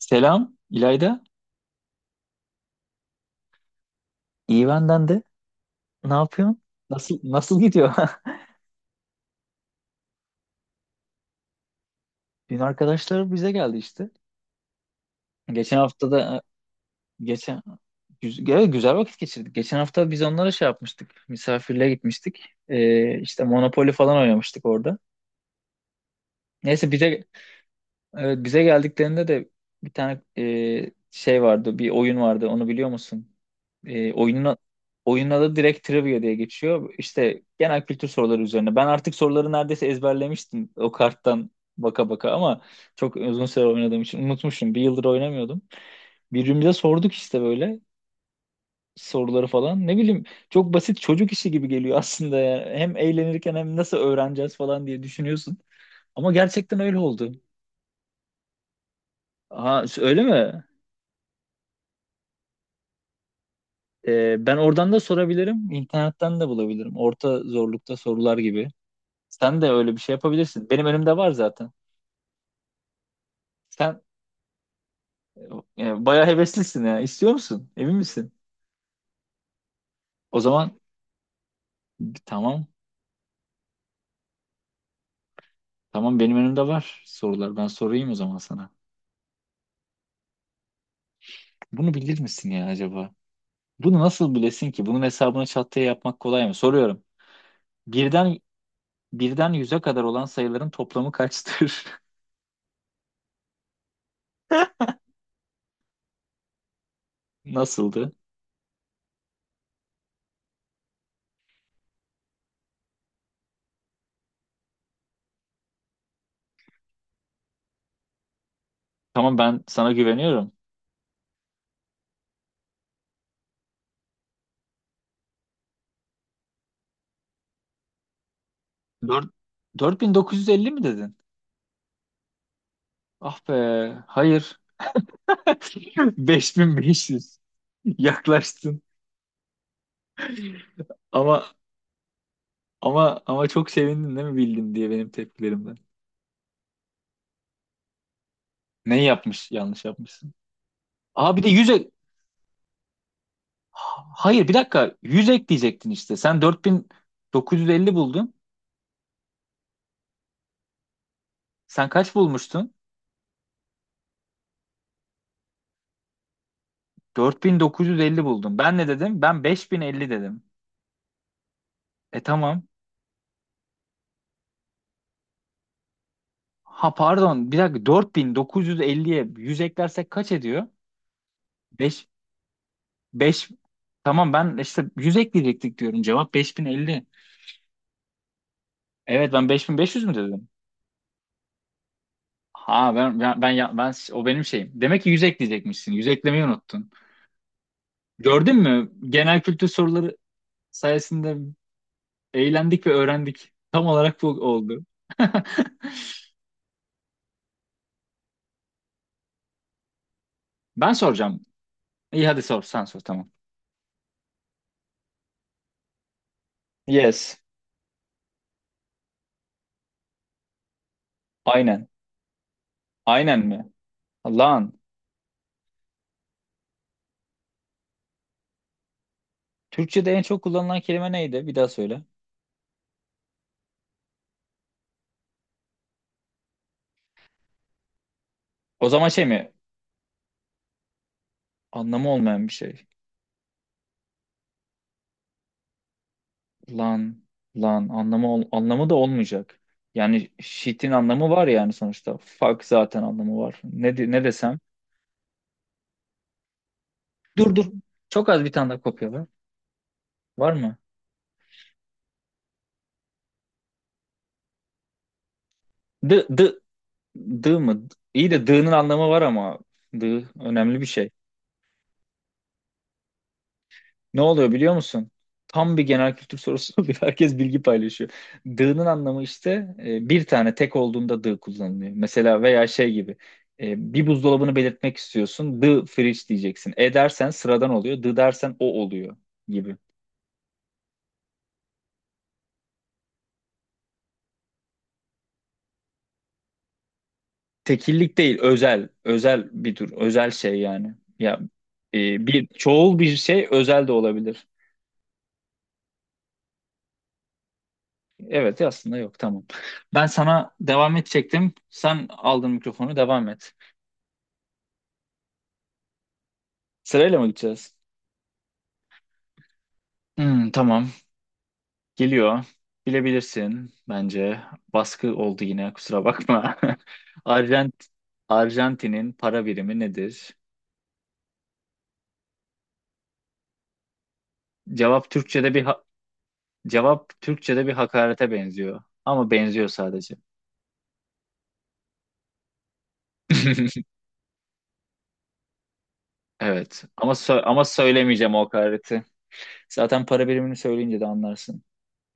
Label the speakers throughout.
Speaker 1: Selam İlayda. İyi benden de. Ne yapıyorsun? Nasıl gidiyor? Dün arkadaşlar bize geldi işte. Geçen hafta da geçen evet, güzel vakit geçirdik. Geçen hafta biz onlara şey yapmıştık. Misafirliğe gitmiştik. İşte Monopoly falan oynamıştık orada. Neyse, evet, bize geldiklerinde de bir tane şey vardı, bir oyun vardı. Onu biliyor musun? E, oyunun Oyunun adı direkt trivia diye geçiyor. İşte genel kültür soruları üzerine. Ben artık soruları neredeyse ezberlemiştim o karttan baka baka, ama çok uzun süre oynadığım için unutmuşum. Bir yıldır oynamıyordum. Birbirimize sorduk işte böyle soruları falan. Ne bileyim, çok basit çocuk işi gibi geliyor aslında ya. Hem eğlenirken hem nasıl öğreneceğiz falan diye düşünüyorsun. Ama gerçekten öyle oldu. Ha, öyle mi? Ben oradan da sorabilirim, internetten de bulabilirim. Orta zorlukta sorular gibi. Sen de öyle bir şey yapabilirsin. Benim önümde var zaten. Sen bayağı heveslisin ya. İstiyor musun? Emin misin? O zaman tamam. Tamam, benim önümde var sorular. Ben sorayım o zaman sana. Bunu bilir misin ya acaba? Bunu nasıl bilesin ki? Bunun hesabını çat diye yapmak kolay mı? Soruyorum. Birden birden 100'e kadar olan sayıların toplamı kaçtır? Nasıldı? Tamam, ben sana güveniyorum. Dört- 4950 mi dedin? Ah be. Hayır. 5500. Yaklaştın. Ama ama çok sevindin değil mi bildin diye, benim tepkilerimden. Neyi yapmış? Yanlış yapmışsın. Aa, bir de 100 ek... Ha- hayır, bir dakika. 100 ekleyecektin işte. Sen 4950 buldun. Sen kaç bulmuştun? 4950 buldun. Ben ne dedim? Ben 5050 dedim. E, tamam. Ha, pardon. Bir dakika, 4950'ye 150'ye 100 eklersek kaç ediyor? 5 5 tamam, ben işte 100 ekleyecektik diyorum. Cevap 5050. Evet, ben 5500 mü dedim? Ha, ben o benim şeyim. Demek ki 100 ekleyecekmişsin. 100 eklemeyi unuttun. Gördün mü? Genel kültür soruları sayesinde eğlendik ve öğrendik. Tam olarak bu oldu. Ben soracağım. İyi, hadi sor, sen sor, tamam. Yes. Aynen. Aynen mi? Lan. Türkçe'de en çok kullanılan kelime neydi? Bir daha söyle. O zaman şey mi? Anlamı olmayan bir şey. Lan, lan, anlamı da olmayacak. Yani shit'in anlamı var yani sonuçta. Fuck zaten anlamı var. Ne desem? Dur, dur. Çok az bir tane daha kopya var. Var mı? D d D mı? İyi de d'nın anlamı var ama d önemli bir şey. Ne oluyor biliyor musun? Tam bir genel kültür sorusu oluyor. Herkes bilgi paylaşıyor. Dığ'nın anlamı işte, bir tane tek olduğunda dığ kullanılıyor. Mesela veya şey gibi, bir buzdolabını belirtmek istiyorsun. Dığ fridge diyeceksin. E dersen sıradan oluyor. Dığ dersen o oluyor gibi. Tekillik değil, özel. Özel bir tür. Özel şey yani. Ya, bir çoğul bir şey özel de olabilir. Evet, aslında yok, tamam. Ben sana devam edecektim. Sen aldın mikrofonu, devam et. Sırayla mı gideceğiz? Hmm, tamam. Geliyor. Bilebilirsin bence. Baskı oldu yine, kusura bakma. Arjant Arjantin'in para birimi nedir? Cevap Türkçe'de bir ha- Cevap Türkçe'de bir hakarete benziyor. Ama benziyor sadece. Evet. Ama söylemeyeceğim o hakareti. Zaten para birimini söyleyince de anlarsın.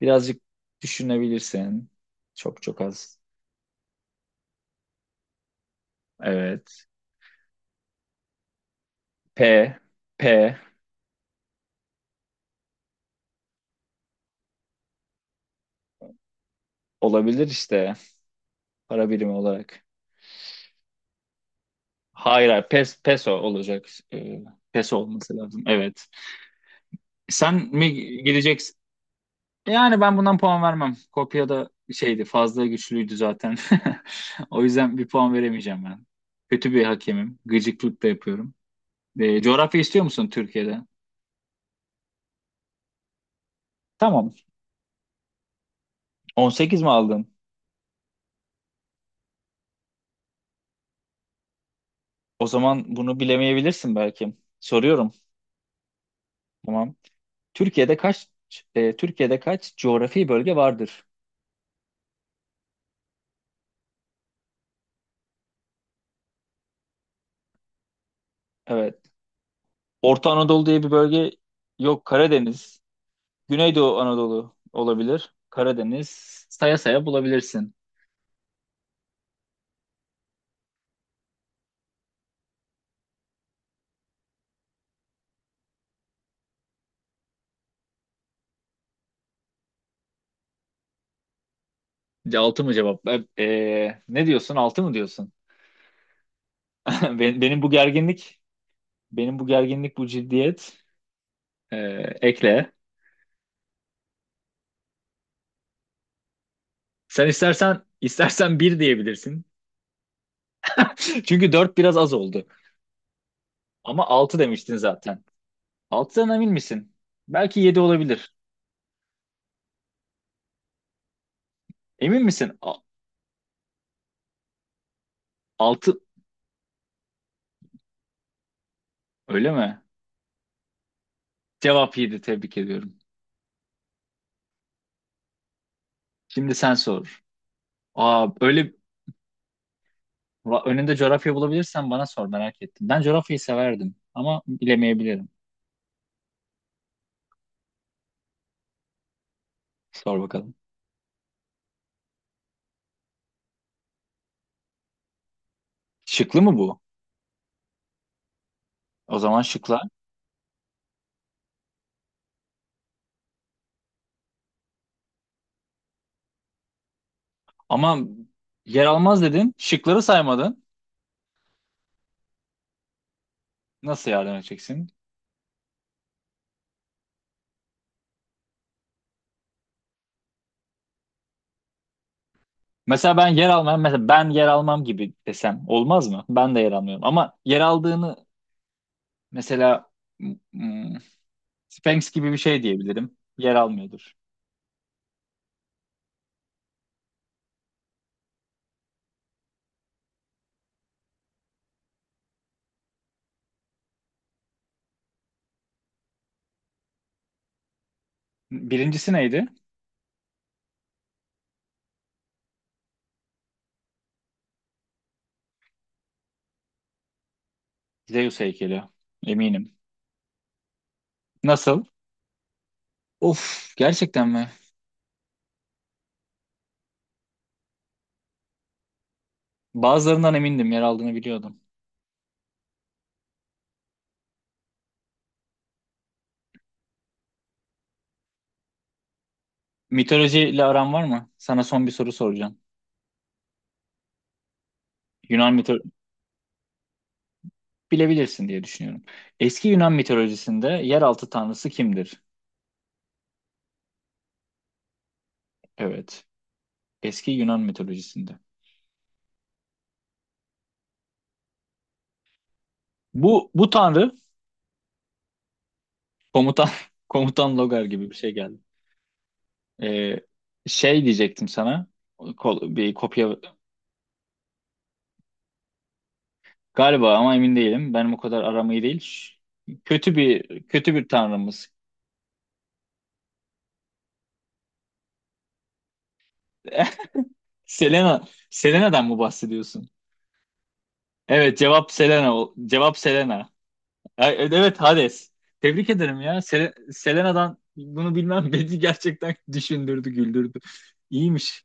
Speaker 1: Birazcık düşünebilirsin. Çok çok az. Evet. P P olabilir işte, para birimi olarak. Hayır, hayır. Peso olacak. Ee, Peso olması lazım. Evet. Sen mi gideceksin? Yani ben bundan puan vermem. Kopya da şeydi, fazla güçlüydü zaten. O yüzden bir puan veremeyeceğim ben. Kötü bir hakemim. Gıcıklık da yapıyorum. Coğrafya istiyor musun Türkiye'de? Tamam. 18 mi aldın? O zaman bunu bilemeyebilirsin belki. Soruyorum. Tamam. Türkiye'de kaç Türkiye'de kaç coğrafi bölge vardır? Evet. Orta Anadolu diye bir bölge yok. Karadeniz. Güneydoğu Anadolu olabilir. Karadeniz. Saya saya bulabilirsin. Altı mı cevap? Ne diyorsun? Altı mı diyorsun? Ben- Benim bu gerginlik, benim bu gerginlik, bu ciddiyet. E, ekle. Sen istersen bir diyebilirsin. Çünkü dört biraz az oldu. Ama altı demiştin zaten. Altıdan emin misin? Belki yedi olabilir. Emin misin? Altı öyle mi? Cevap yedi. Tebrik ediyorum. Şimdi sen sor. Aa, öyle. Önünde coğrafya bulabilirsen bana sor, merak ettim. Ben coğrafyayı severdim ama bilemeyebilirim. Sor bakalım. Şıklı mı bu? O zaman şıklar. Ama yer almaz dedin. Şıkları saymadın. Nasıl yardım edeceksin? Mesela ben yer almam. Mesela ben yer almam gibi desem olmaz mı? Ben de yer almıyorum. Ama yer aldığını, mesela, hmm, Sphinx gibi bir şey diyebilirim. Yer almıyordur. Birincisi neydi? Zeus heykeli. Eminim. Nasıl? Of, gerçekten mi? Bazılarından emindim, yer aldığını biliyordum. Mitolojiyle aran var mı? Sana son bir soru soracağım. Yunan mito Bilebilirsin diye düşünüyorum. Eski Yunan mitolojisinde yeraltı tanrısı kimdir? Evet. Eski Yunan mitolojisinde. Bu tanrı komutan komutan Logar gibi bir şey geldi. Ee, şey diyecektim sana. Bir kopya galiba ama emin değilim. Benim o kadar aramayı değil. Kötü bir tanrımız. Selena'dan mı bahsediyorsun? Evet, cevap Selena. Cevap Selena. Ay, evet, Hades. Tebrik ederim ya. Selena'dan bunu bilmem beni gerçekten düşündürdü, güldürdü. İyiymiş.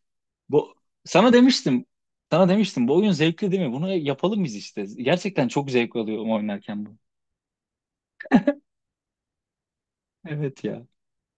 Speaker 1: Bu sana demiştim. Sana demiştim, bu oyun zevkli değil mi? Bunu yapalım biz işte. Gerçekten çok zevk alıyorum oynarken bu. Evet ya.